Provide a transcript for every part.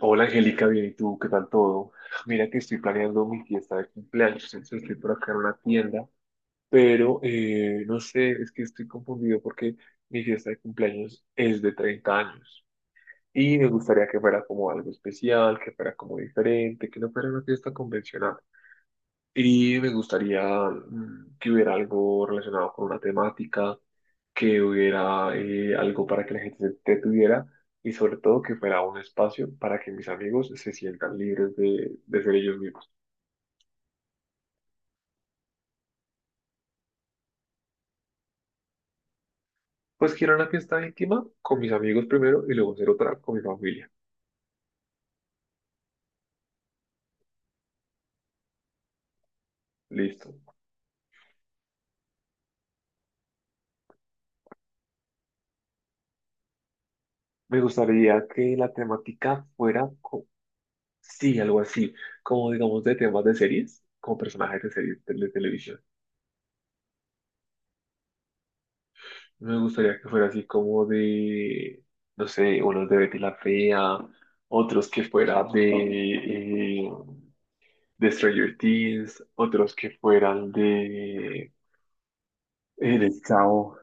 Hola Angélica, bien, ¿y tú? ¿Qué tal todo? Mira que estoy planeando mi fiesta de cumpleaños, entonces estoy por acá en una tienda, pero no sé, es que estoy confundido porque mi fiesta de cumpleaños es de 30 años y me gustaría que fuera como algo especial, que fuera como diferente, que no fuera una fiesta convencional. Y me gustaría que hubiera algo relacionado con una temática, que hubiera algo para que la gente se entretuviera y sobre todo que fuera un espacio para que mis amigos se sientan libres de ser ellos mismos. Pues quiero una fiesta íntima con mis amigos primero y luego hacer otra con mi familia. Listo. Me gustaría que la temática fuera, sí, algo así, como digamos de temas de series, como personajes de series de televisión. Me gustaría que fuera así como de, no sé, unos de Betty la Fea, otros que fuera de Stranger Things, otros que fueran de El del Chavo.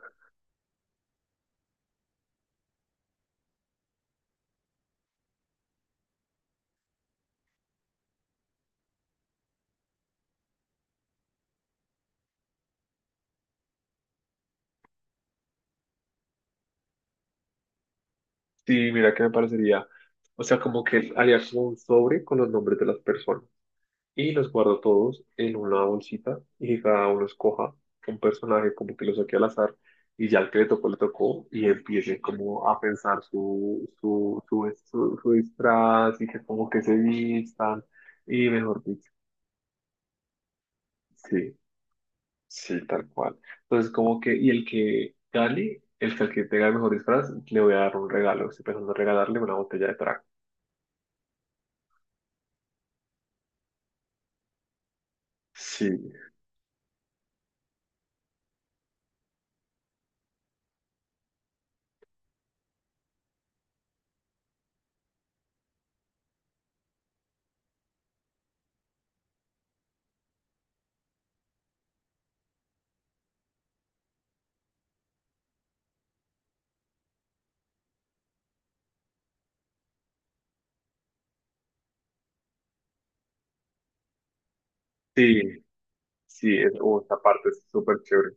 Sí, mira que me parecería, o sea, como que haría como un sobre con los nombres de las personas. Y los guardo todos en una bolsita y que cada uno escoja un personaje como que lo saque al azar y ya el que le tocó y empiece como a pensar su disfraz y que como que se vistan y mejor dicho, sí, sí, tal cual. Entonces como que, y el que gane, el que tenga el mejor disfraz, le voy a dar un regalo, estoy pensando en regalarle una botella de trago. Sí, sí, sí, oh, esta parte es súper chévere.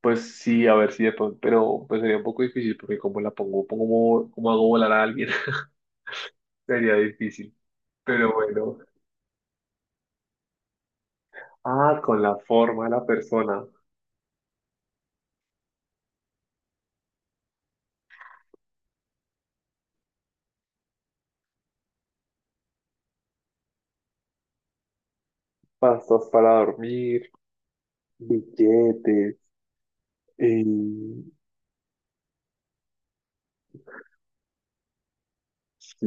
Pues sí, a ver si de pronto, pero pues sería un poco difícil porque como la pongo, pongo como hago volar a alguien, sería difícil. Pero bueno, ah, con la forma de la persona, pastos para dormir, billetes, eh, sí,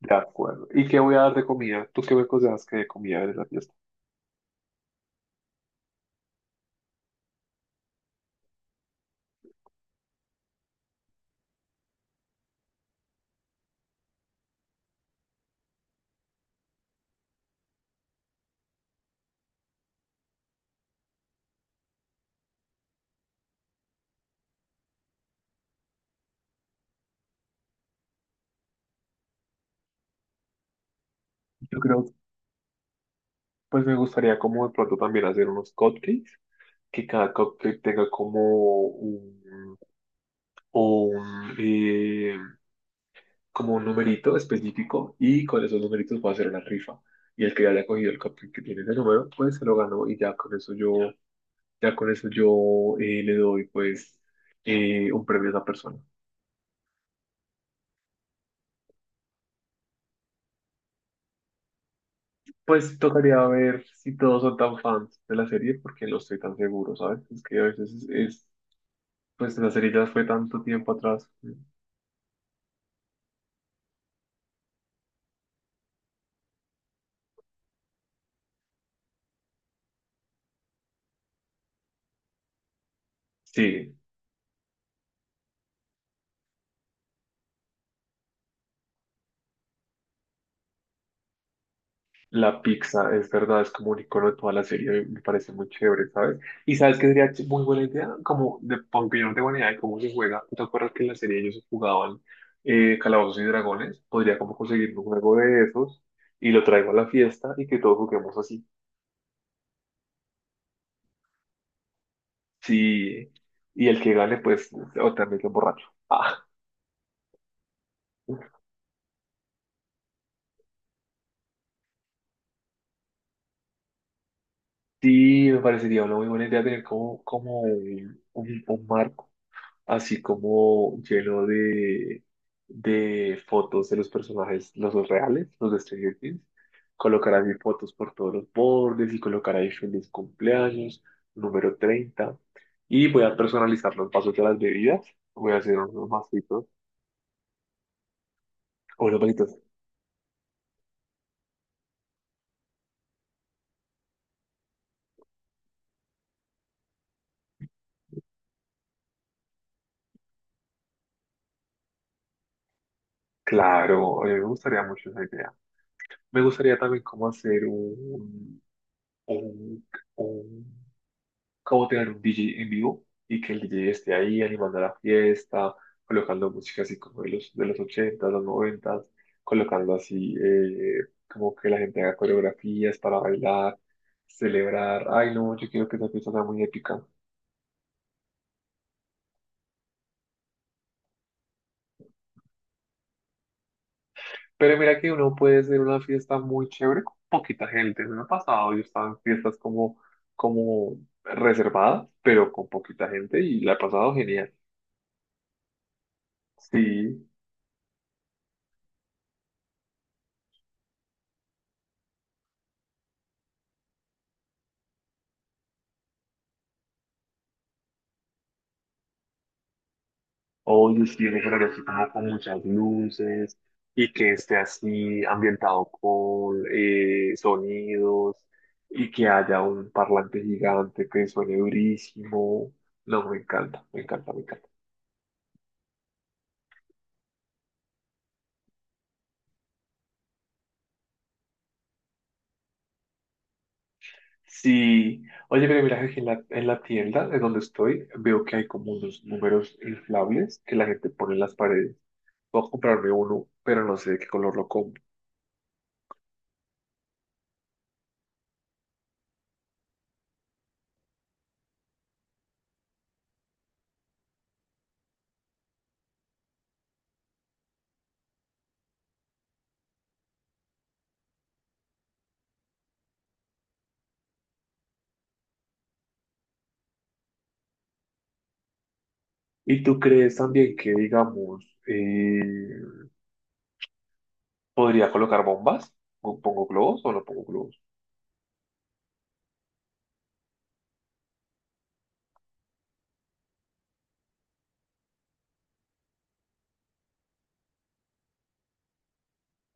de acuerdo. ¿Y qué voy a dar de comida? ¿Tú qué me aconsejas que de comida de la fiesta? Yo creo, pues me gustaría como de pronto también hacer unos cupcakes, que cada cupcake tenga como un, un, eh, como un numerito específico y con esos numeritos puedo hacer una rifa. Y el que ya haya cogido el cupcake que tiene ese número, pues se lo ganó y ya con eso yo, ya con eso yo le doy pues un premio a esa persona. Pues tocaría ver si todos son tan fans de la serie porque no estoy tan seguro, ¿sabes? Es que a veces es pues la serie ya fue tanto tiempo atrás. Sí, la pizza, es verdad, es como un icono de toda la serie, me parece muy chévere, ¿sabes? Y sabes que sería muy buena idea, como, de, aunque yo no tengo ni idea de cómo se juega, ¿no? ¿Te acuerdas que en la serie ellos jugaban Calabozos y Dragones? Podría como conseguir un juego de esos y lo traigo a la fiesta y que todos juguemos así. Sí, y el que gane, pues, o también es borracho. Ah, sí, me parecería una muy buena idea tener como, como un marco así como lleno de fotos de los personajes, los dos reales, los de Stranger Things. Colocar así fotos por todos los bordes y colocar ahí feliz cumpleaños, número 30. Y voy a personalizar los vasos de las bebidas. Voy a hacer unos vasitos. O unos vasitos. Claro, a mí me gustaría mucho esa idea. Me gustaría también como hacer un, un como tener un DJ en vivo y que el DJ esté ahí animando la fiesta, colocando música así como de los 80, los 90, colocando así como que la gente haga coreografías para bailar, celebrar. Ay, no, yo quiero que esa fiesta sea muy épica. Pero mira que uno puede hacer una fiesta muy chévere con poquita gente. Me ha pasado, yo estaba en fiestas como, como reservadas, pero con poquita gente y la he pasado genial. Sí. Oye, sí, yo creo que así como con muchas luces y que esté así ambientado con sonidos y que haya un parlante gigante que suene durísimo. No, me encanta, me encanta, me encanta. Sí, oye, pero mira que aquí en en la tienda de donde estoy veo que hay como unos números inflables que la gente pone en las paredes. Voy a comprarme uno, pero no sé de qué color lo compro. ¿Y tú crees también que, digamos, podría colocar bombas? ¿Pongo globos o no pongo globos?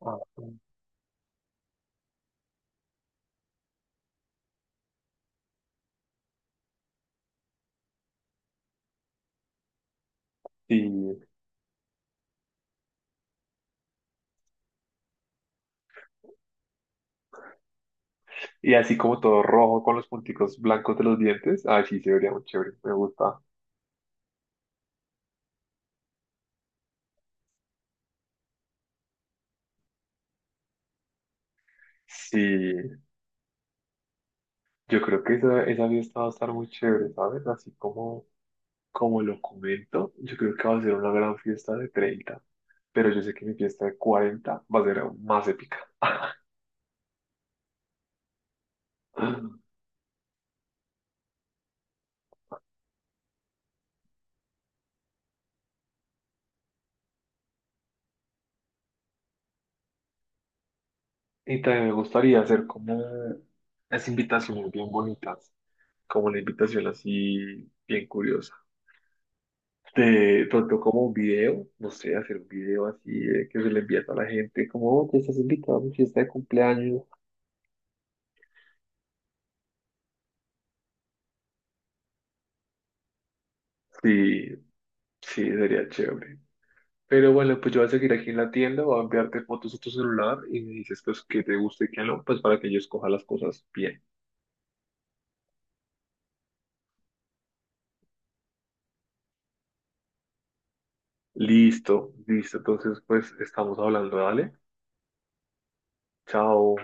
Ah, sí. Y, y así como todo rojo con los punticos blancos de los dientes. Ah, sí, se vería muy chévere. Me gusta. Sí, yo creo que esa fiesta va a estar muy chévere, ¿sabes? Así como, como lo comento, yo creo que va a ser una gran fiesta de 30. Pero yo sé que mi fiesta de 40 va a ser aún más épica. Y también me gustaría hacer como las invitaciones bien bonitas, como la invitación así bien curiosa. Te trató como un video, no sé, hacer un video así que se le envía a toda la gente, como, oye, estás invitado a mi fiesta de cumpleaños. Sí, sí, sería chévere. Pero bueno, pues yo voy a seguir aquí en la tienda, voy a enviarte fotos a tu celular y me dices pues que te guste y que no, pues para que yo escoja las cosas bien. Listo, listo. Entonces, pues estamos hablando, dale. Chao.